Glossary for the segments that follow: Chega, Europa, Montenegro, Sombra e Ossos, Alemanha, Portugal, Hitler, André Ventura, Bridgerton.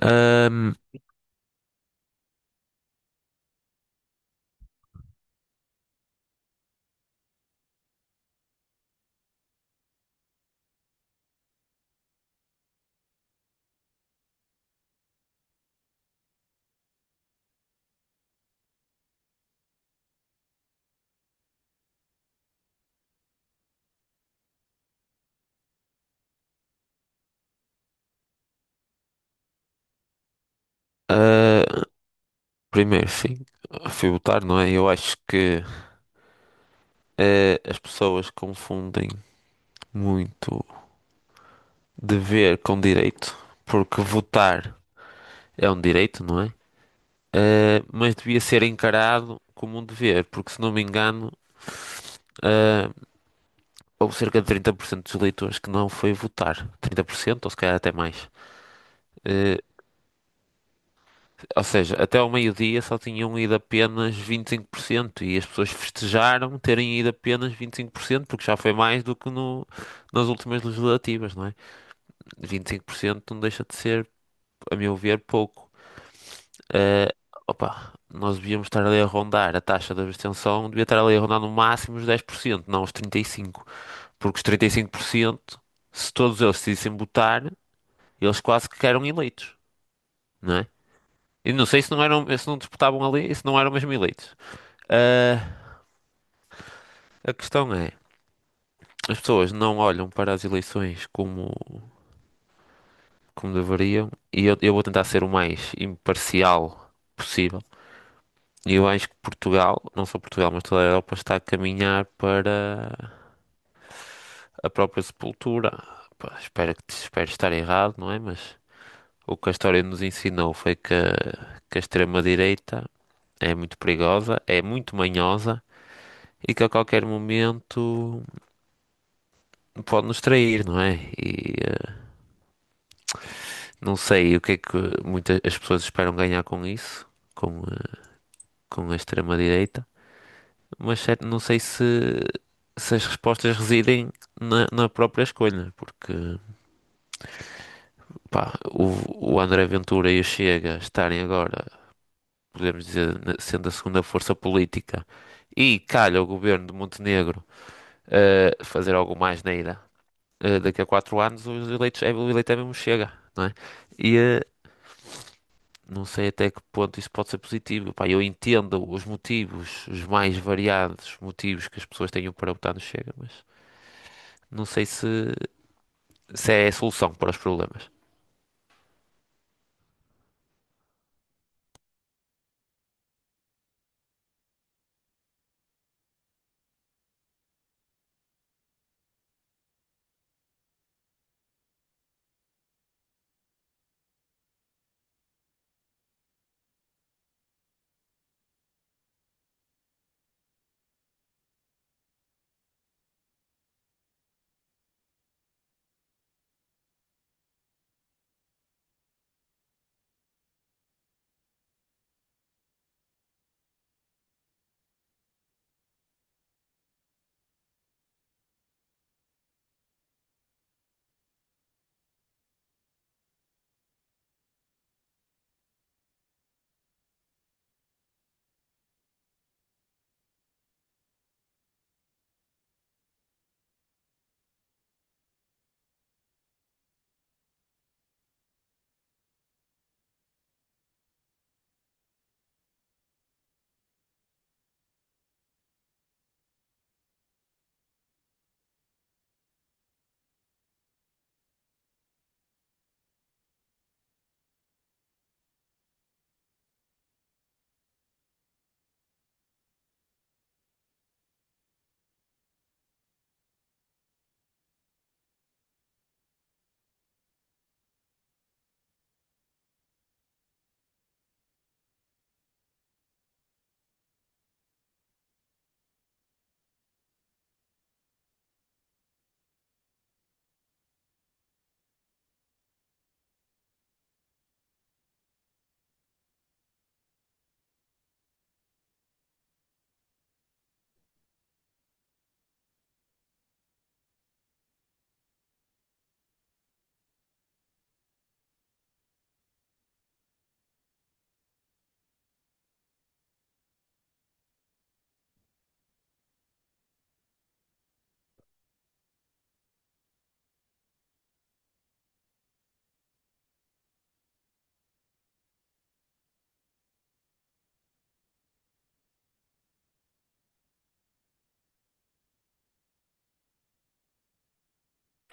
Ahm, ah, Primeiro, sim, fui votar, não é? Eu acho que as pessoas confundem muito dever com direito, porque votar é um direito, não é? Mas devia ser encarado como um dever, porque se não me engano, ah, houve cerca de 30% dos eleitores que não foi votar. 30% ou se calhar até mais. Ah, Ou seja, até ao meio-dia só tinham ido apenas 25% e 5% e as pessoas festejaram terem ido apenas 25%, porque já foi mais do que nas últimas legislativas, não é? 25% não deixa de ser, a meu ver, pouco. Eh, Opa, nós devíamos estar ali a rondar a taxa de abstenção, devia estar ali a rondar no máximo os 10%, não os 35%, porque os 35%, se todos eles decidissem votar, eles quase que eram eleitos, não é? E não sei se não eram, se não disputavam ali, se não eram mesmo eleitos. Ah, a questão é, as pessoas não olham para as eleições como deveriam, e eu vou tentar ser o mais imparcial possível. E eu acho que Portugal, não só Portugal, mas toda a Europa está a caminhar para a própria sepultura. Pá, espero estar errado, não é? Mas o que a história nos ensinou foi que a extrema-direita é muito perigosa, é muito manhosa e que a qualquer momento pode nos trair, não é? E não sei o que é que muitas as pessoas esperam ganhar com isso, com, eh, com a extrema-direita, mas certo, não sei se as respostas residem na própria escolha, porque pá, o André Ventura e o Chega estarem agora, podemos dizer, sendo a segunda força política, e calha o governo de Montenegro fazer algo mais neira, daqui a 4 anos os eleitos, o eleito é mesmo Chega, não é? Não sei até que ponto isso pode ser positivo. Pá, eu entendo os motivos, os mais variados motivos que as pessoas tenham para votar no Chega, mas não sei se é a solução para os problemas.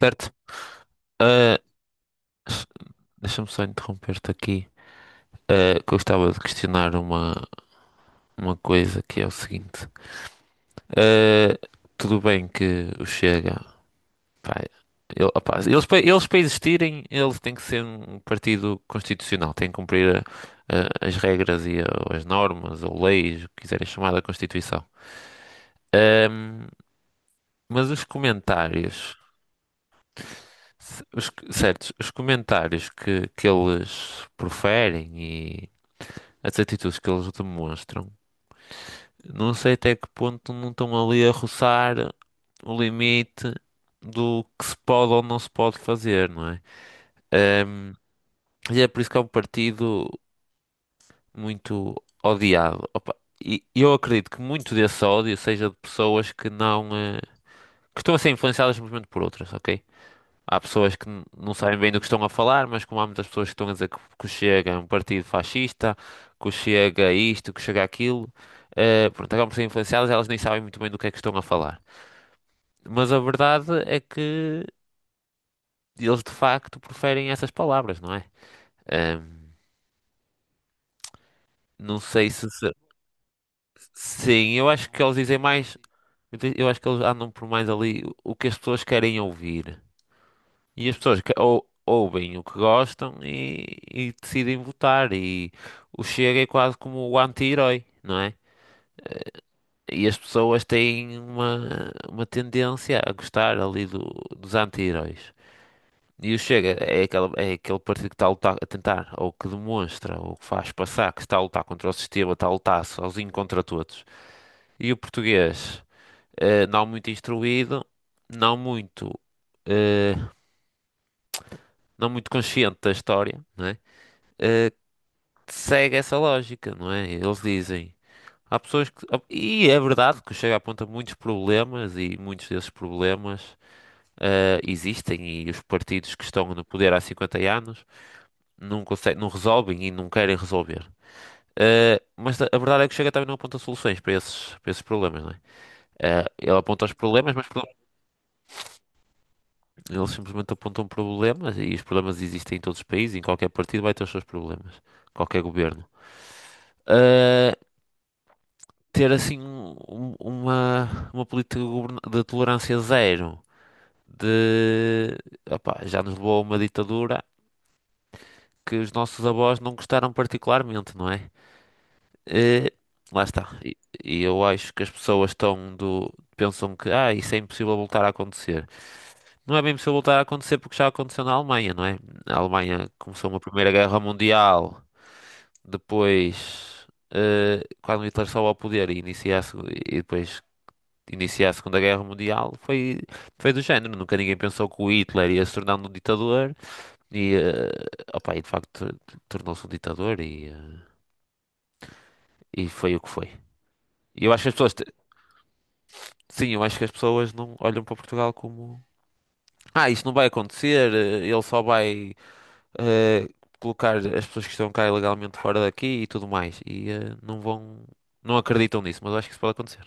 Certo? Ah, s- Deixa-me só interromper-te aqui. Que eu estava de questionar uma coisa que é o seguinte. Ah, Tudo bem que o Chega, pá, eles para existirem, eles têm que ser um partido constitucional, têm que cumprir as regras e as normas ou leis, o que quiserem chamar da Constituição. Ahm, mas os comentários, os comentários que eles proferem e as atitudes que eles demonstram, não sei até que ponto não estão ali a roçar o limite do que se pode ou não se pode fazer, não é? E é por isso que é um partido muito odiado. Opa, e eu acredito que muito desse ódio seja de pessoas que não, que estão a ser influenciadas simplesmente por outras, ok? Há pessoas que não sabem bem do que estão a falar, mas como há muitas pessoas que estão a dizer que o Chega é um partido fascista, que o Chega é isto, que o Chega é aquilo, pronto, acabam por ser influenciadas, elas nem sabem muito bem do que é que estão a falar. Mas a verdade é que eles de facto preferem essas palavras, não é? Ahm, não sei se. Sim, eu acho que eles dizem mais. Eu acho que eles andam por mais ali o que as pessoas querem ouvir. E as pessoas ouvem o que gostam e decidem votar. E o Chega é quase como o anti-herói, não é? E as pessoas têm uma tendência a gostar ali dos anti-heróis. E o Chega é aquele partido que está a lutar, a tentar, ou que demonstra, ou que faz passar que está a lutar contra o sistema, está a lutar sozinho contra todos. E o português, não muito instruído, não muito, eh, não muito consciente da história, não é? Eh, Segue essa lógica, não é? Eles dizem. Há pessoas que. E é verdade que o Chega aponta muitos problemas e muitos desses problemas existem e os partidos que estão no poder há 50 anos não conseguem, não resolvem e não querem resolver. Mas a verdade é que o Chega também não aponta soluções para esses problemas, não é? Ele aponta os problemas, mas eles simplesmente apontam problemas e os problemas existem em todos os países, em qualquer partido vai ter os seus problemas, qualquer governo. Ah, Ter assim uma política de tolerância zero, de já nos levou a uma ditadura que os nossos avós não gostaram particularmente, não é? Eh, Lá está. E eu acho que as pessoas pensam que isso é impossível voltar a acontecer. Não é bem possível voltar a acontecer porque já aconteceu na Alemanha, não é? A Alemanha começou uma Primeira Guerra Mundial, depois, quando Hitler sobe ao poder e inicia e depois inicia a Segunda Guerra Mundial, foi do género. Nunca ninguém pensou que o Hitler ia se tornar um ditador e, eh, e de facto tornou-se um ditador e foi o que foi. E eu acho que as pessoas, sim, eu acho que as pessoas não olham para Portugal como, isto não vai acontecer, ele só vai. eh, colocar as pessoas que estão cá ilegalmente fora daqui e tudo mais. E não vão, não acreditam nisso, mas eu acho que isso pode acontecer.